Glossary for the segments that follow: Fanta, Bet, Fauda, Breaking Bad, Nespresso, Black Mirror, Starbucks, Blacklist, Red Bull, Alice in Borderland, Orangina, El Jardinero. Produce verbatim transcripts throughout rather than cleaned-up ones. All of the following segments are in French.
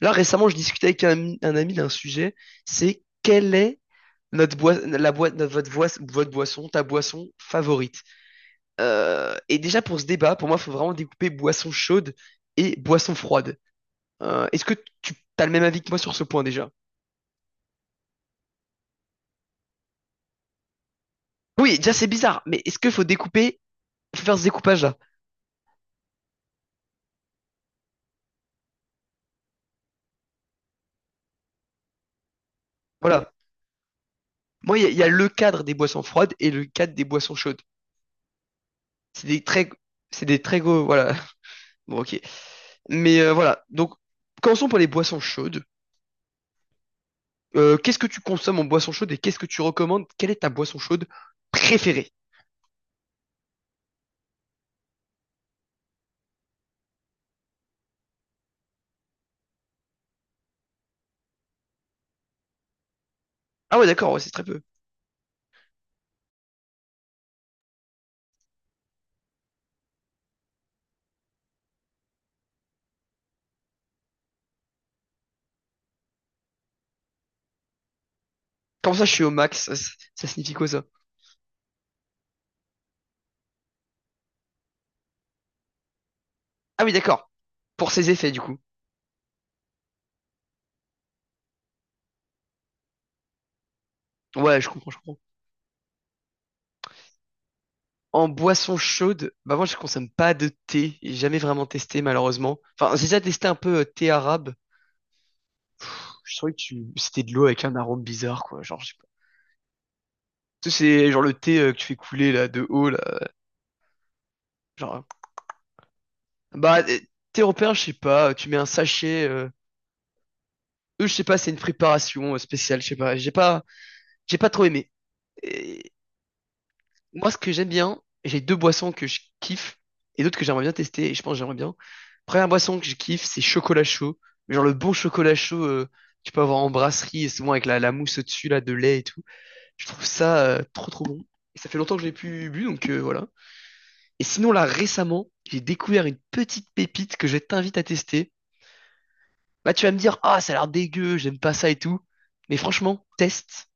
Là, récemment, je discutais avec un, ami un ami d'un sujet, c'est quelle est notre boi- la boi- notre- votre, voice- votre boisson, ta boisson favorite? Euh, et déjà, pour ce débat, pour moi, il faut vraiment découper boisson chaude et boisson froide. Euh, est-ce que tu as le même avis que moi sur ce point déjà? Oui, déjà, c'est bizarre, mais est-ce qu'il faut découper, faut faire ce découpage-là? Voilà. Moi, il y, a il y a le cadre des boissons froides et le cadre des boissons chaudes. C'est des très, c'est des très gros, voilà. Bon, ok. Mais euh, voilà. Donc, commençons par les boissons chaudes. Euh, qu'est-ce que tu consommes en boisson chaude et qu'est-ce que tu recommandes? Quelle est ta boisson chaude préférée? Ah ouais, d'accord, ouais, c'est très peu. Comment ça, je suis au max? Ça, ça- ça signifie quoi ça? Ah oui, d'accord. Pour ses effets, du coup. Ouais, je comprends, je comprends. En boisson chaude, bah moi je consomme pas de thé, j'ai jamais vraiment testé malheureusement. Enfin, j'ai déjà testé un peu euh, thé arabe. Je trouvais que tu... c'était de l'eau avec un arôme bizarre quoi, genre je sais pas. Tu sais, c'est genre le thé euh, que tu fais couler là de haut là, genre euh, bah euh, thé européen, je sais pas, tu mets un sachet euh, eux je sais pas, c'est une préparation euh, spéciale, je sais pas, j'ai pas j'ai pas trop aimé. Moi, ce que j'aime bien, j'ai deux boissons que je kiffe et d'autres que j'aimerais bien tester et je pense que j'aimerais bien. Première boisson que je kiffe, c'est chocolat chaud. Mais genre le bon chocolat chaud, euh, tu peux avoir en brasserie et souvent avec la, la mousse au-dessus là de lait et tout. Je trouve ça euh, trop trop bon. Et ça fait longtemps que je l'ai plus bu donc euh, voilà. Et sinon là récemment, j'ai découvert une petite pépite que je t'invite à tester. Là tu vas me dire, ah ça a l'air dégueu, j'aime pas ça et tout. Mais franchement, teste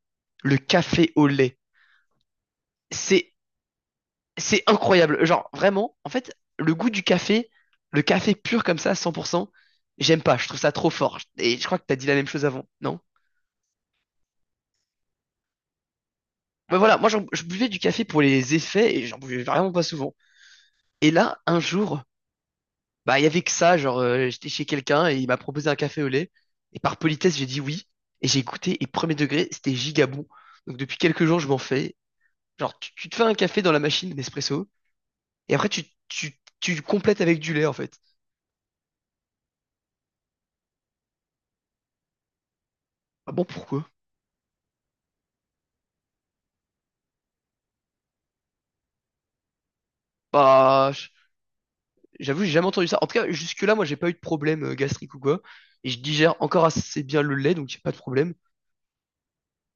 le café au lait. C'est C'est incroyable. Genre, vraiment, en fait, le goût du café, le café pur comme ça, cent pour cent, j'aime pas. Je trouve ça trop fort. Et je crois que t'as dit la même chose avant, non? Bah voilà, moi, j'en- je buvais du café pour les effets et j'en buvais vraiment pas souvent. Et là, un jour, bah, il y avait que ça. Genre, euh, j'étais chez quelqu'un et il m'a proposé un café au lait. Et par politesse, j'ai dit oui. Et j'ai goûté et premier degré, c'était giga bon. Donc, depuis quelques jours, je m'en fais. Genre, tu, tu te fais un café dans la machine Nespresso et après, tu, tu, tu complètes avec du lait, en fait. Ah bon, pourquoi? Bah, j'avoue, j'ai jamais entendu ça. En tout cas, jusque-là, moi, j'ai pas eu de problème euh, gastrique ou quoi. Et je digère encore assez bien le lait, donc j'ai pas de problème.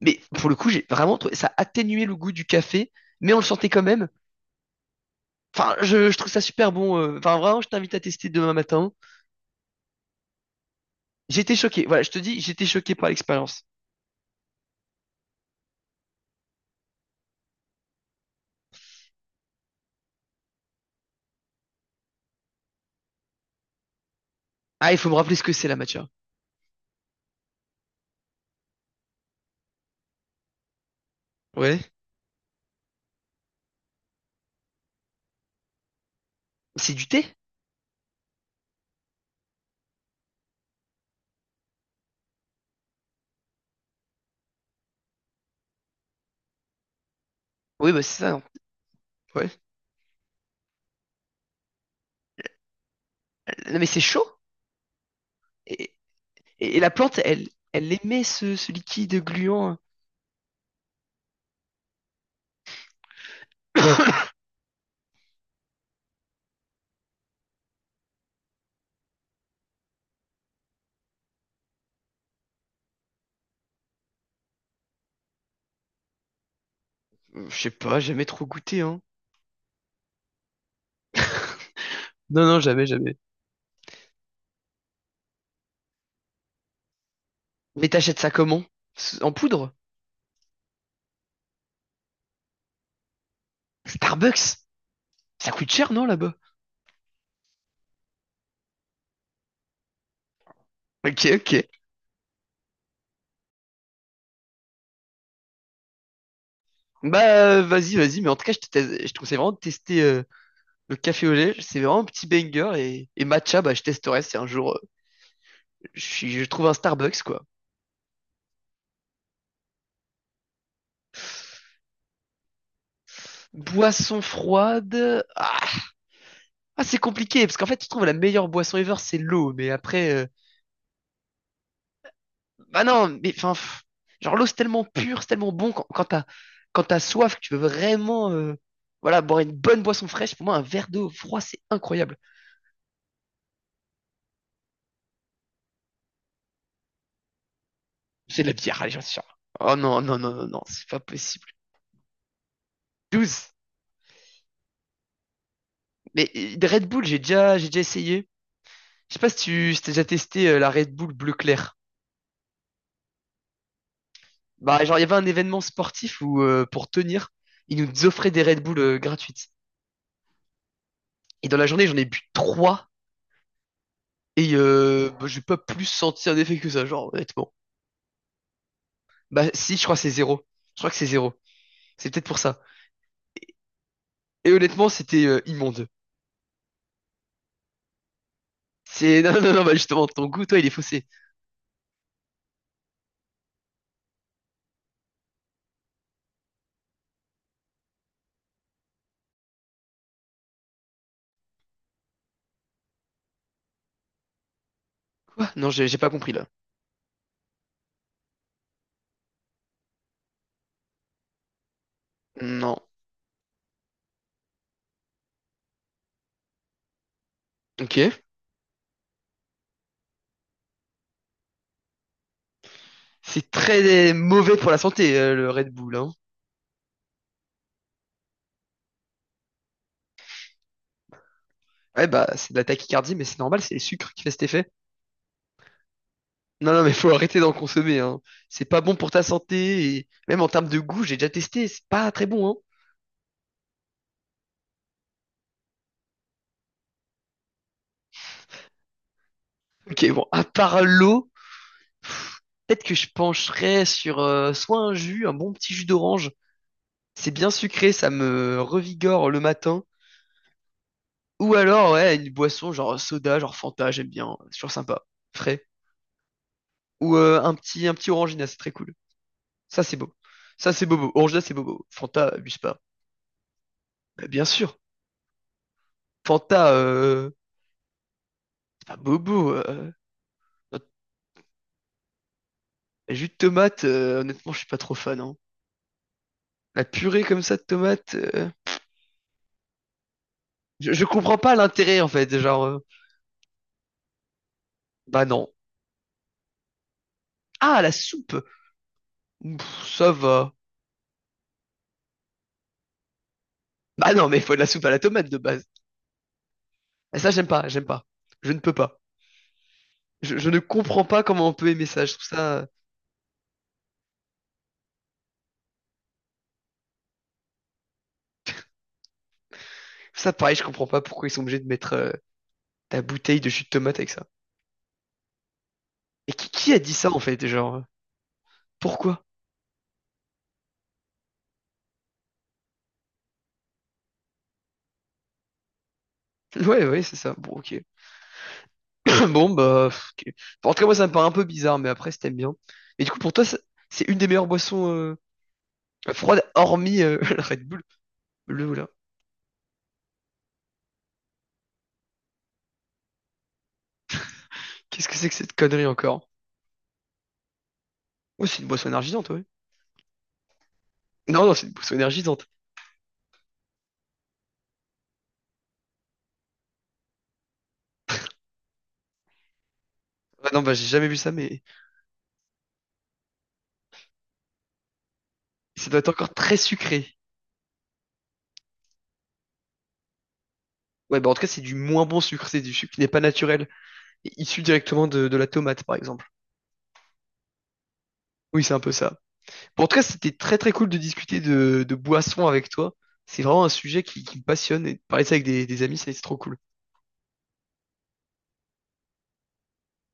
Mais pour le coup, j'ai vraiment trouvé ça atténuait le goût du café, mais on le sentait quand même. Enfin, je, je trouve ça super bon. euh. Enfin, vraiment, je t'invite à tester demain matin. J'étais choqué. Voilà, je te dis, j'étais choqué par l'expérience. Ah, il faut me rappeler ce que c'est la matcha. Ouais. C'est du thé? Oui, bah c'est ça. Non. Ouais. Non, mais c'est chaud. Et, et- et la plante, elle, elle émet ce, ce liquide gluant. Je sais pas, jamais trop goûté, hein. Non, non, jamais, jamais. Mais t'achètes ça comment? En poudre? Starbucks? Ça coûte cher, non, là-bas? Ok, ok. Bah, euh, vas-y, vas-y. Mais en tout cas, je te, teste- je te conseille vraiment de tester euh, le café au lait. C'est vraiment un petit banger. Et, et matcha, bah, je testerai si un jour euh, je, suis- je trouve un Starbucks, quoi. Boisson froide. Ah, ah, c'est compliqué. Parce qu'en fait, tu trouves la meilleure boisson ever, c'est l'eau. Mais après, euh, bah non, mais enfin, pff, genre l'eau c'est tellement pur, c'est tellement bon quand, quand t'as quand t'as soif, que tu veux vraiment euh, voilà, boire une bonne boisson fraîche. Pour moi, un verre d'eau froid, c'est incroyable. C'est de la bière, allez, j'en suis sûr. Oh non, non, non, non, non, c'est pas possible. Douze. Mais euh, des Red Bull, j'ai déjà, j'ai déjà essayé. Je sais pas si tu si t'as déjà testé euh, la Red Bull bleu clair. Bah, genre, il y avait un événement sportif où, euh, pour tenir, ils nous offraient des Red Bull euh, gratuites. Et dans la journée, j'en ai bu trois. Et euh, bah, j'ai pas plus senti un effet que ça, genre, honnêtement. Bah si, je crois que c'est zéro. Je crois que c'est zéro. C'est peut-être pour ça. Et honnêtement, c'était euh, immonde. C'est non non non, bah justement ton goût toi il est faussé. Quoi? Non, j'ai j'ai pas compris là. Non. OK. C'est très euh, mauvais pour la santé euh, le Red Bull hein. Ouais bah c'est de la tachycardie mais c'est normal, c'est les sucres qui fait cet effet. Non non mais faut arrêter d'en consommer hein. C'est pas bon pour ta santé et même en termes de goût, j'ai déjà testé, c'est pas très bon hein. OK, bon, à part l'eau, peut-être que je pencherais sur euh, soit un jus, un bon petit jus d'orange. C'est bien sucré, ça me revigore le matin. Ou alors, ouais, une boisson genre soda, genre Fanta, j'aime bien, c'est toujours sympa, frais. Ou euh, un petit, un petit Orangina, c'est très cool. Ça, c'est beau. Ça, c'est bobo. Orangina, c'est bobo. Fanta, abuse pas. Euh, bien sûr. Fanta, euh, c'est pas bobo. euh, notre- jus de tomate, euh, honnêtement, je suis pas trop fan, hein. La purée comme ça de tomate, euh, je, je comprends pas l'intérêt en fait. Genre, euh, bah non. Ah, la soupe. Pff, ça va. Bah non, mais il faut de la soupe à la tomate de base. Et ça, j'aime pas, j'aime pas. Je ne peux pas. Je, je ne comprends pas comment on peut aimer ça. Je trouve ça, je trouve ça pareil, je comprends pas pourquoi ils sont obligés de mettre euh, ta bouteille de jus de tomate avec ça. Et qui, qui a dit ça en fait? Genre, euh, pourquoi? Ouais, ouais, c'est ça. Bon, ok. Bon, bah, ok. Enfin, en tout cas, moi, ça me paraît un peu bizarre, mais après, si t'aimes bien. Mais du coup, pour toi, ça- c'est une des meilleures boissons euh, froides, hormis euh, la Red Bull. Le là. Qu'est-ce que c'est que cette connerie encore? Oh, c'est une boisson énergisante, ouais. Non, non, c'est une boisson énergisante. Ah non, bah, j'ai jamais vu ça, mais ça doit être encore très sucré. Ouais, bah en tout cas, c'est du moins bon sucre, c'est du sucre qui n'est pas naturel, et issu directement de, de la tomate, par exemple. Oui, c'est un peu ça. Bon, en tout cas, c'était très très cool de discuter de, de boissons avec toi. C'est vraiment un sujet qui, qui me passionne, et de parler de ça avec des, des amis, c'est c'est trop cool.